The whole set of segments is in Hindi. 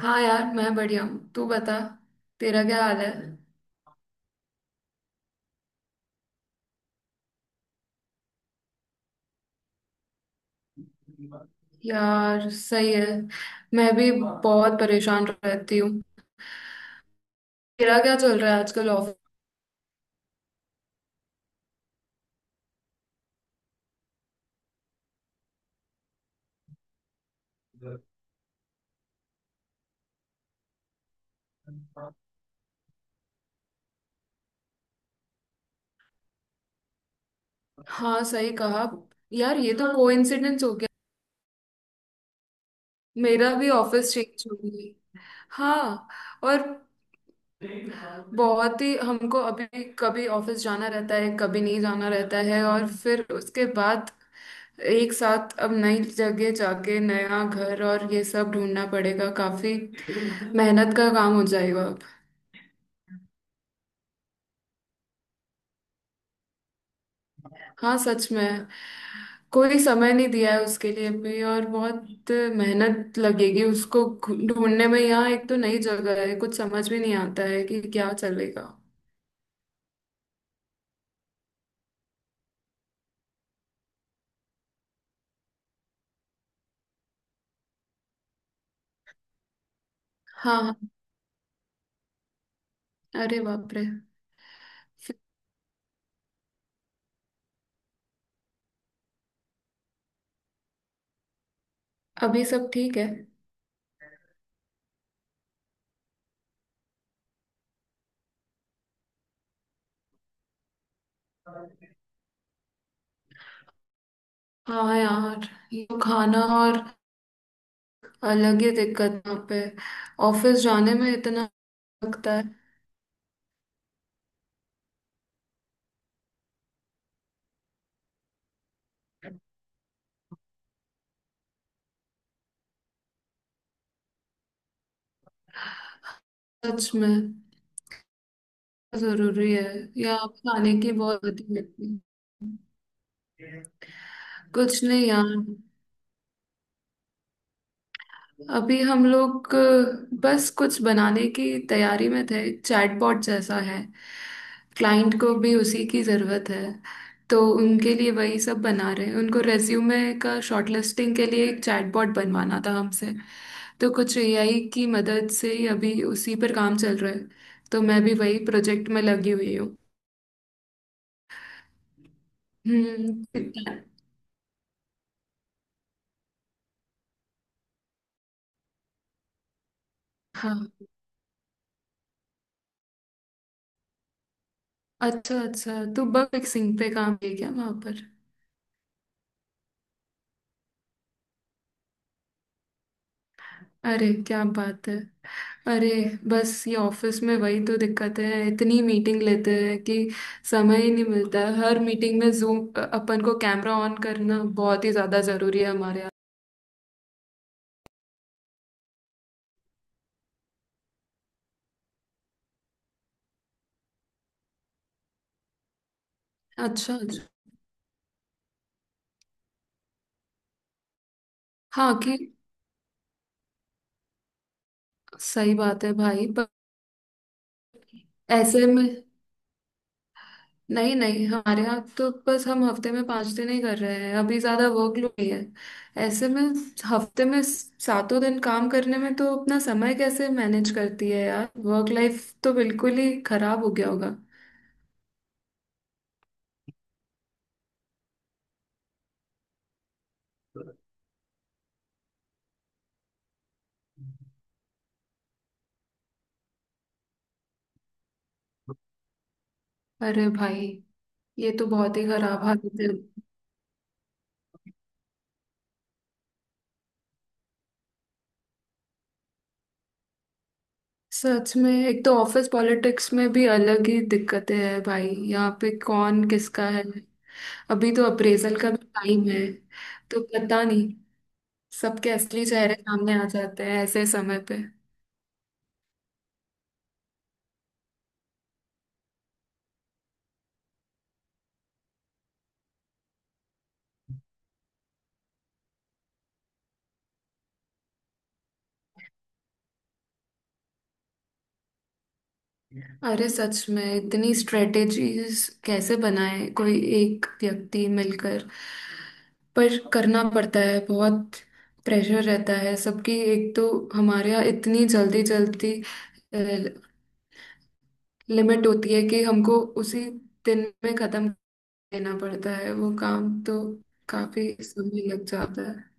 हाँ यार मैं बढ़िया हूँ। तू बता। तेरा क्या हाल है। यार सही है। मैं भी बहुत परेशान रहती हूँ। तेरा क्या चल रहा है आजकल ऑफिस। हाँ सही कहा। यार ये तो कोइंसिडेंस हो गया। मेरा भी ऑफिस चेंज हो गई। हाँ। और बहुत ही हमको अभी कभी ऑफिस जाना रहता है कभी नहीं जाना रहता है और फिर उसके बाद एक साथ अब नई जगह जाके नया घर और ये सब ढूंढना पड़ेगा। काफी मेहनत का काम हो जाएगा। हाँ सच में। कोई समय नहीं दिया है उसके लिए भी और बहुत मेहनत लगेगी उसको ढूंढने में। यहाँ एक तो नई जगह है, कुछ समझ भी नहीं आता है कि क्या चलेगा। हाँ हाँ। अरे बाप रे। फिर। अभी सब ठीक है। हाँ यार ये तो खाना और अलग ही दिक्कत यहाँ पे। ऑफिस जाने में इतना लगता है। सच में। जरूरी है। यहाँ खाने की बहुत आदत लगती है। कुछ नहीं यार। अभी हम लोग बस कुछ बनाने की तैयारी में थे। चैटबॉट जैसा है। क्लाइंट को भी उसी की ज़रूरत है। तो उनके लिए वही सब बना रहे हैं। उनको रेज्यूमे का शॉर्टलिस्टिंग के लिए एक चैटबॉट बनवाना था हमसे। तो कुछ एआई की मदद से ही अभी उसी पर काम चल रहा है। तो मैं भी वही प्रोजेक्ट में लगी हुई हूँ। हम्म। हाँ। अच्छा अच्छा, तो बग फिक्सिंग पे काम है क्या वहाँ पर। अरे क्या बात है। अरे। बस ये ऑफिस में वही तो दिक्कत है, इतनी मीटिंग लेते हैं कि समय ही नहीं मिलता है। हर मीटिंग में जूम अपन को कैमरा ऑन करना बहुत ही ज्यादा जरूरी है हमारे यहाँ। अच्छा अच्छा। हाँ कि। सही बात है भाई, पर ऐसे में। नहीं नहीं, हमारे यहाँ तो बस हम हफ्ते में पांच दिन ही कर रहे हैं अभी, ज्यादा वर्कलोड ही है। ऐसे में हफ्ते में सातों दिन काम करने में तो अपना समय कैसे मैनेज करती है यार। वर्क लाइफ तो बिल्कुल ही खराब हो गया होगा। अरे भाई ये तो बहुत ही खराब हालत है। सच में एक तो ऑफिस पॉलिटिक्स में भी अलग ही दिक्कतें हैं भाई, यहाँ पे कौन किसका है। अभी तो अप्रेजल का भी टाइम है, तो पता नहीं। सबके असली चेहरे सामने आ जाते हैं ऐसे समय पे। अरे सच में इतनी स्ट्रेटेजीज कैसे बनाए कोई एक व्यक्ति मिलकर। पर करना पड़ता है। बहुत प्रेशर रहता है सबकी। एक तो हमारे यहाँ इतनी जल्दी जल्दी लिमिट होती है कि हमको उसी दिन में खत्म देना पड़ता है वो काम, तो काफी समय लग जाता है।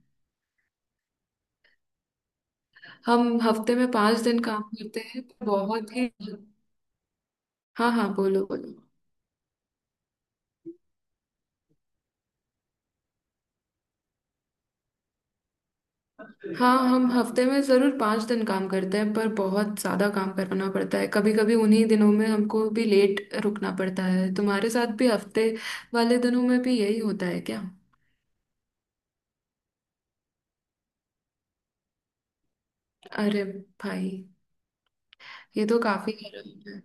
हम हफ्ते में पांच दिन काम करते हैं बहुत ही। हाँ हाँ, बोलो बोलो। हाँ हम हफ्ते में जरूर पाँच दिन काम करते हैं पर बहुत ज्यादा काम करना पड़ता है। कभी कभी उन्हीं दिनों में हमको भी लेट रुकना पड़ता है। तुम्हारे साथ भी हफ्ते वाले दिनों में भी यही होता है क्या। अरे भाई ये तो काफी गलत है।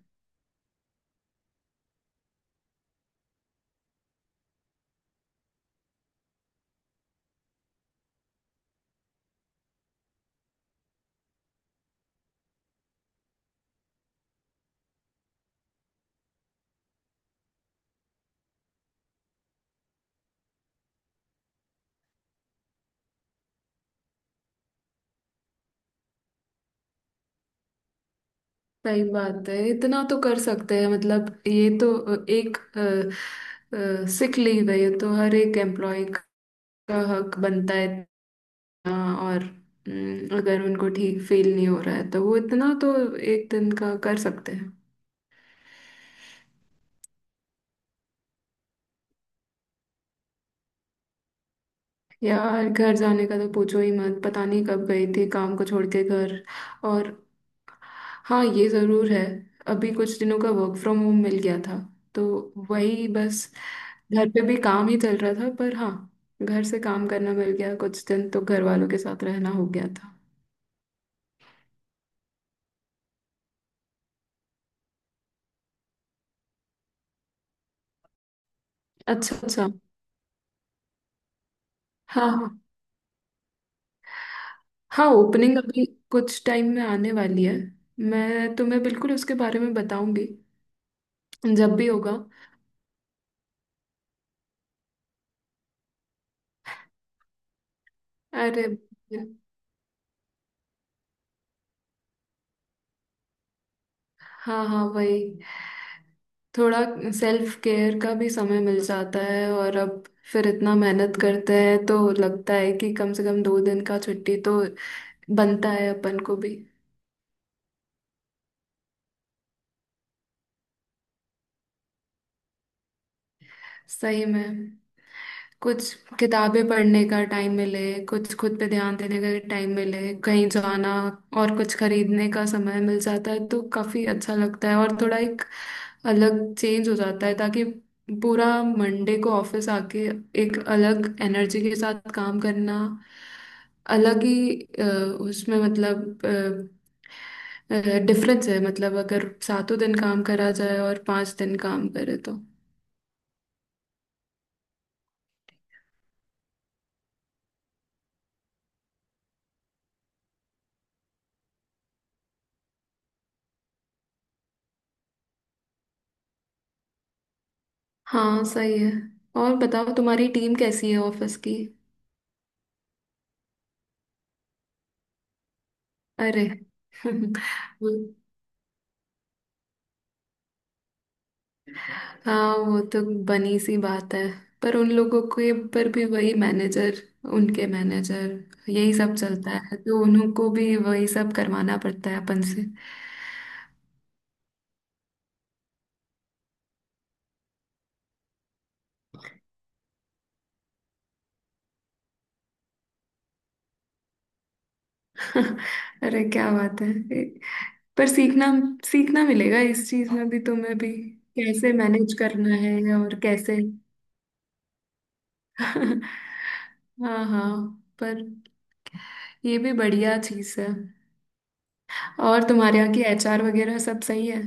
सही बात है, इतना तो कर सकते हैं, मतलब ये तो एक सिक लीव है। ये तो हर एक एम्प्लॉय का हक बनता है। हाँ, और। अगर उनको ठीक फील नहीं हो रहा है तो वो इतना तो एक दिन का कर सकते हैं। यार घर जाने का तो पूछो ही मत। पता नहीं कब गई थी काम को छोड़ के घर। और हाँ ये ज़रूर है, अभी कुछ दिनों का वर्क फ्रॉम होम मिल गया था। तो वही बस, घर पे भी काम ही चल रहा था। पर हाँ, घर से काम करना मिल गया कुछ दिन, तो घर वालों के साथ रहना हो गया था। अच्छा अच्छा। हाँ हाँ। हाँ ओपनिंग अभी कुछ टाइम में आने वाली है। मैं तुम्हें बिल्कुल उसके बारे में बताऊंगी जब भी होगा। अरे हाँ हाँ वही। थोड़ा सेल्फ केयर का भी समय मिल जाता है। और अब फिर इतना मेहनत करते हैं तो लगता है कि कम से कम दो दिन का छुट्टी तो बनता है अपन को भी। सही में। कुछ किताबें पढ़ने का टाइम मिले, कुछ खुद पे ध्यान देने का टाइम मिले, कहीं जाना और कुछ खरीदने का समय मिल जाता है तो काफी अच्छा लगता है। और थोड़ा एक अलग चेंज हो जाता है ताकि पूरा मंडे को ऑफिस आके एक अलग एनर्जी के साथ काम करना। अलग ही अ, उसमें मतलब डिफरेंस है। मतलब अगर सातों दिन काम करा जाए और पांच दिन काम करे तो। हाँ सही है। और बताओ तुम्हारी टीम कैसी है ऑफिस की। अरे वो- हाँ वो तो बनी सी बात है। पर उन लोगों के पर भी वही मैनेजर, उनके मैनेजर यही सब चलता है तो उन्हों को भी वही सब करवाना पड़ता है अपन से। अरे क्या बात है। पर सीखना सीखना मिलेगा इस चीज में भी तुम्हें भी। कैसे मैनेज करना है और कैसे। हाँ हाँ। पर ये भी बढ़िया चीज है। और तुम्हारे यहाँ की एचआर वगैरह सब सही है।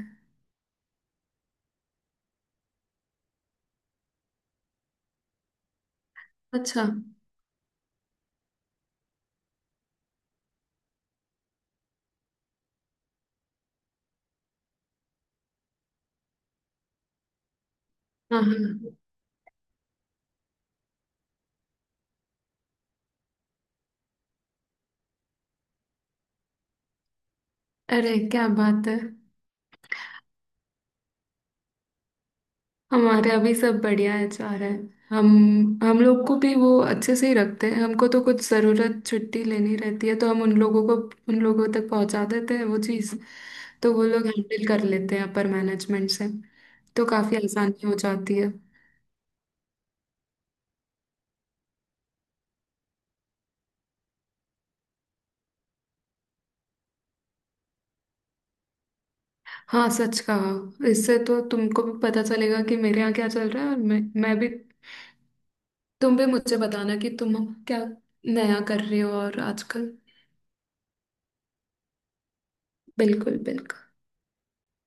अच्छा। हाँ हाँ। अरे क्या बात है। हमारे यहाँ भी सब बढ़िया एचआर है। हम हम लोग को भी वो अच्छे से ही रखते हैं। हमको तो कुछ ज़रूरत छुट्टी लेनी रहती है तो हम उन लोगों को उन लोगों तक पहुंचा देते हैं वो चीज़। तो वो लोग हैंडल कर लेते हैं अपर मैनेजमेंट से। तो काफ़ी आसानी हो जाती है। हाँ सच कहा। इससे तो तुमको भी पता चलेगा कि मेरे यहाँ क्या चल रहा है। और मैं भी, तुम भी मुझे बताना कि तुम क्या नया कर रहे हो और आजकल। बिल्कुल बिल्कुल।